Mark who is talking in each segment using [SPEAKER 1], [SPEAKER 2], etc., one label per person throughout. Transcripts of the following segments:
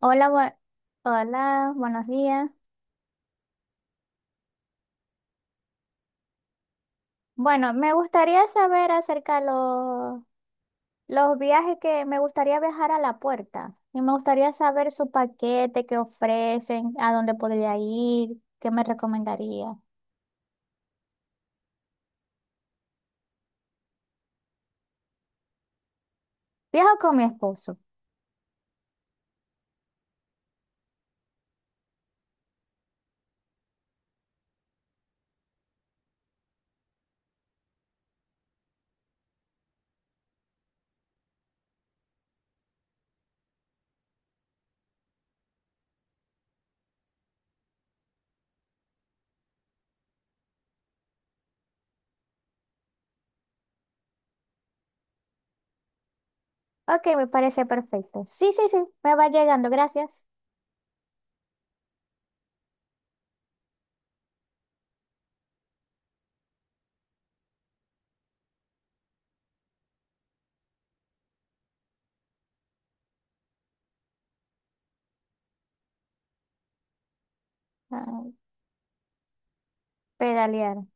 [SPEAKER 1] Hola, bu- Hola, buenos días. Bueno, me gustaría saber acerca de los viajes que me gustaría viajar a La Puerta. Y me gustaría saber su paquete que ofrecen, a dónde podría ir, qué me recomendaría. Viajo con mi esposo. Ok, me parece perfecto. Sí, sí, sí, me va llegando, gracias. Ah, pedalear.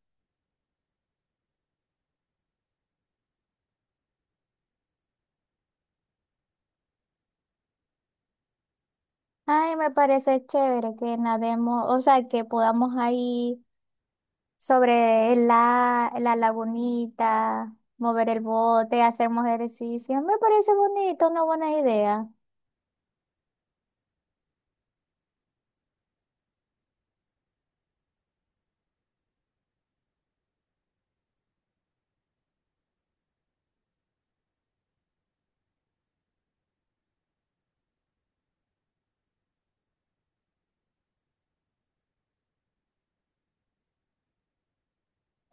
[SPEAKER 1] Ay, me parece chévere que nademos, o sea, que podamos ahí sobre la lagunita, mover el bote, hacemos ejercicio. Me parece bonito, una buena idea.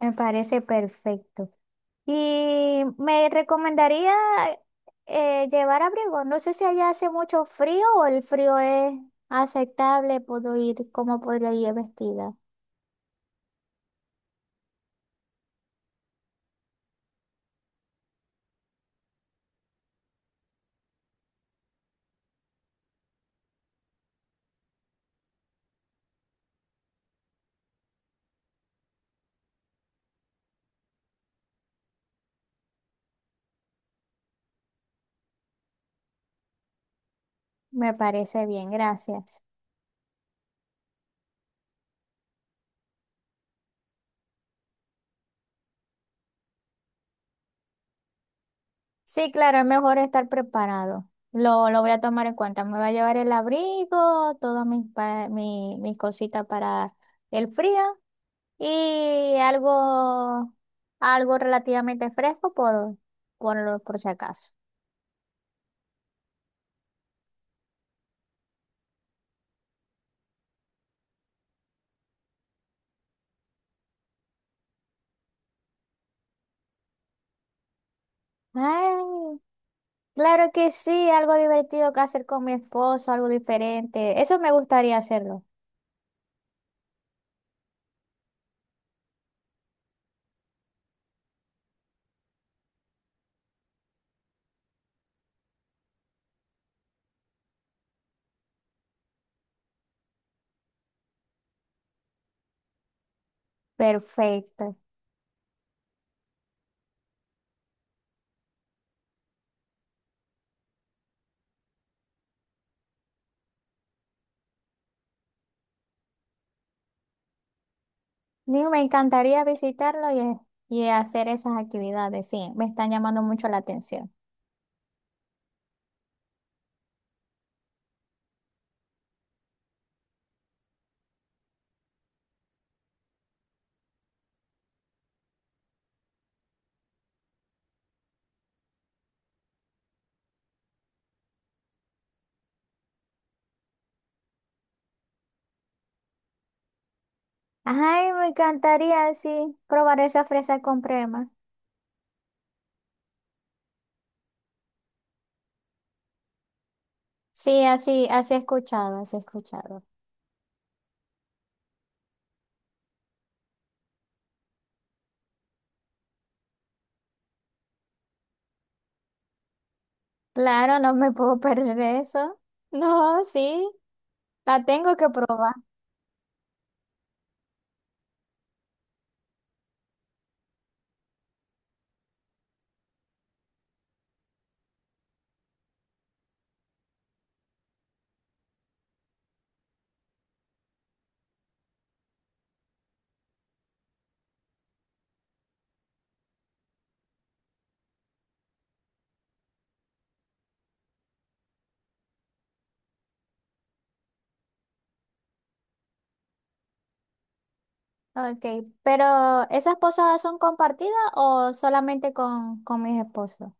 [SPEAKER 1] Me parece perfecto. Y me recomendaría llevar abrigo. No sé si allá hace mucho frío o el frío es aceptable. Puedo ir, cómo podría ir vestida. Me parece bien, gracias. Sí, claro, es mejor estar preparado. Lo voy a tomar en cuenta. Me voy a llevar el abrigo, todas mis cositas para el frío y algo relativamente fresco por si acaso. Ay, claro que sí, algo divertido que hacer con mi esposo, algo diferente. Eso me gustaría hacerlo. Perfecto. Digo, me encantaría visitarlo y hacer esas actividades. Sí, me están llamando mucho la atención. Ay, me encantaría así probar esa fresa con crema. Sí, así, así he escuchado, así he escuchado. Claro, no me puedo perder eso. No, sí, la tengo que probar. Ok, pero ¿esas posadas son compartidas o solamente con mis esposos?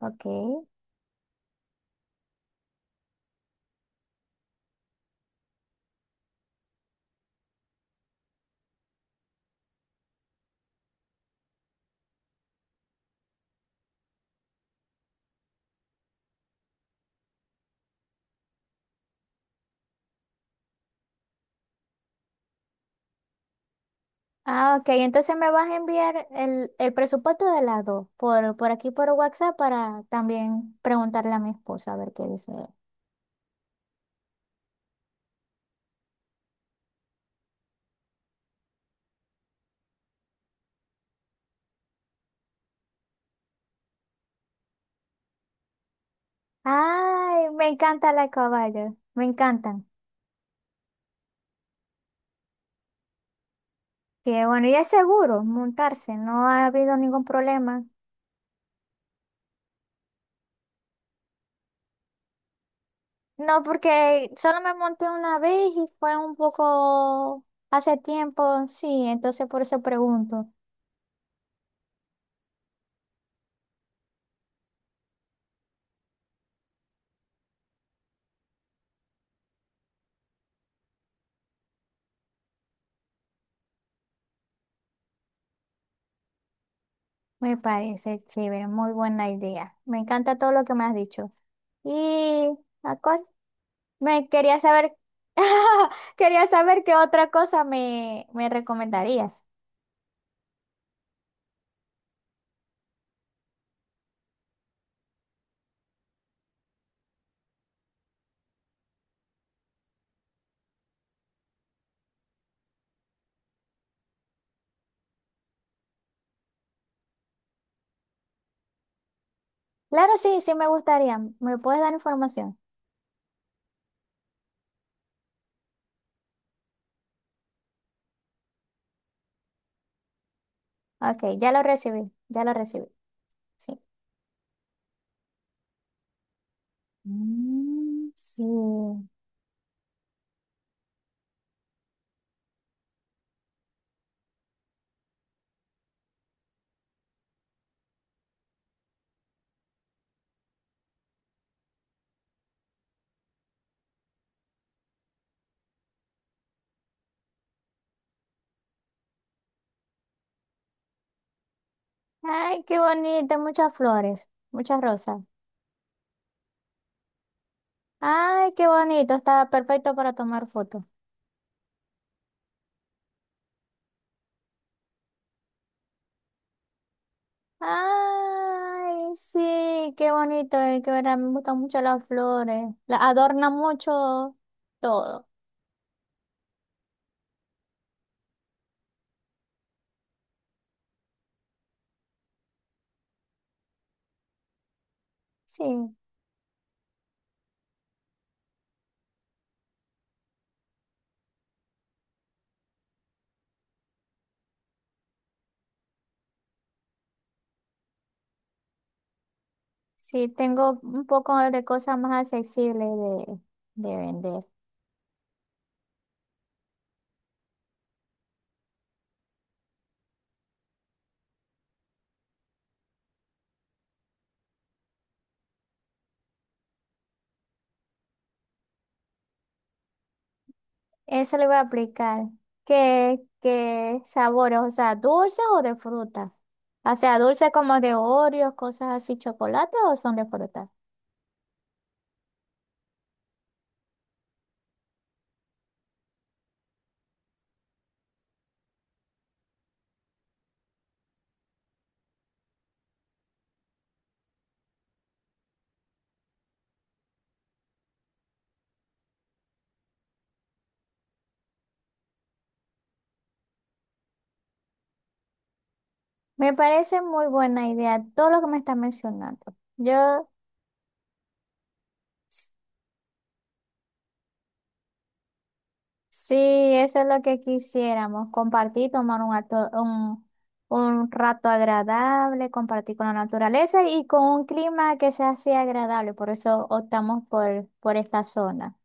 [SPEAKER 1] Ok. Ah, ok, entonces me vas a enviar el presupuesto de las dos por aquí por WhatsApp, para también preguntarle a mi esposa a ver qué dice. Ay, me encanta la caballo, me encantan. Que bueno, ¿ya es seguro montarse, no ha habido ningún problema? No, porque solo me monté una vez y fue un poco hace tiempo, sí, entonces por eso pregunto. Me parece chévere, muy buena idea. Me encanta todo lo que me has dicho. Y ¿a cuál? Me quería saber, quería saber qué otra cosa me recomendarías. Claro, sí, sí me gustaría. ¿Me puedes dar información? Ok, ya lo recibí, ya lo recibí. Sí. Mm, sí. Ay, qué bonito, muchas flores, muchas rosas. Ay, qué bonito, estaba perfecto para tomar fotos. Ay, sí, qué bonito, que verdad, me gustan mucho las flores. Las adorna mucho todo. Sí, sí, tengo un poco de cosas más accesibles de, de vender. Eso le voy a aplicar. ¿Qué, qué sabores? O sea, ¿dulces o de fruta? O sea, dulces como de Oreos, cosas así, chocolate, o son de fruta. Me parece muy buena idea todo lo que me estás mencionando. Yo, s- sí, eso es lo que quisiéramos, compartir, tomar un rato agradable, compartir con la naturaleza y con un clima que sea así agradable. Por eso optamos por esta zona.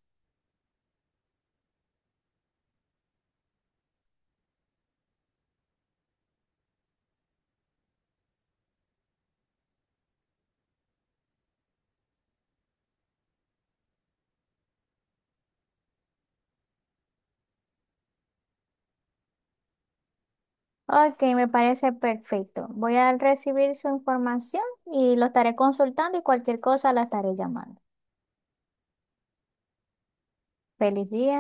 [SPEAKER 1] Ok, me parece perfecto. Voy a recibir su información y lo estaré consultando, y cualquier cosa la estaré llamando. Feliz día.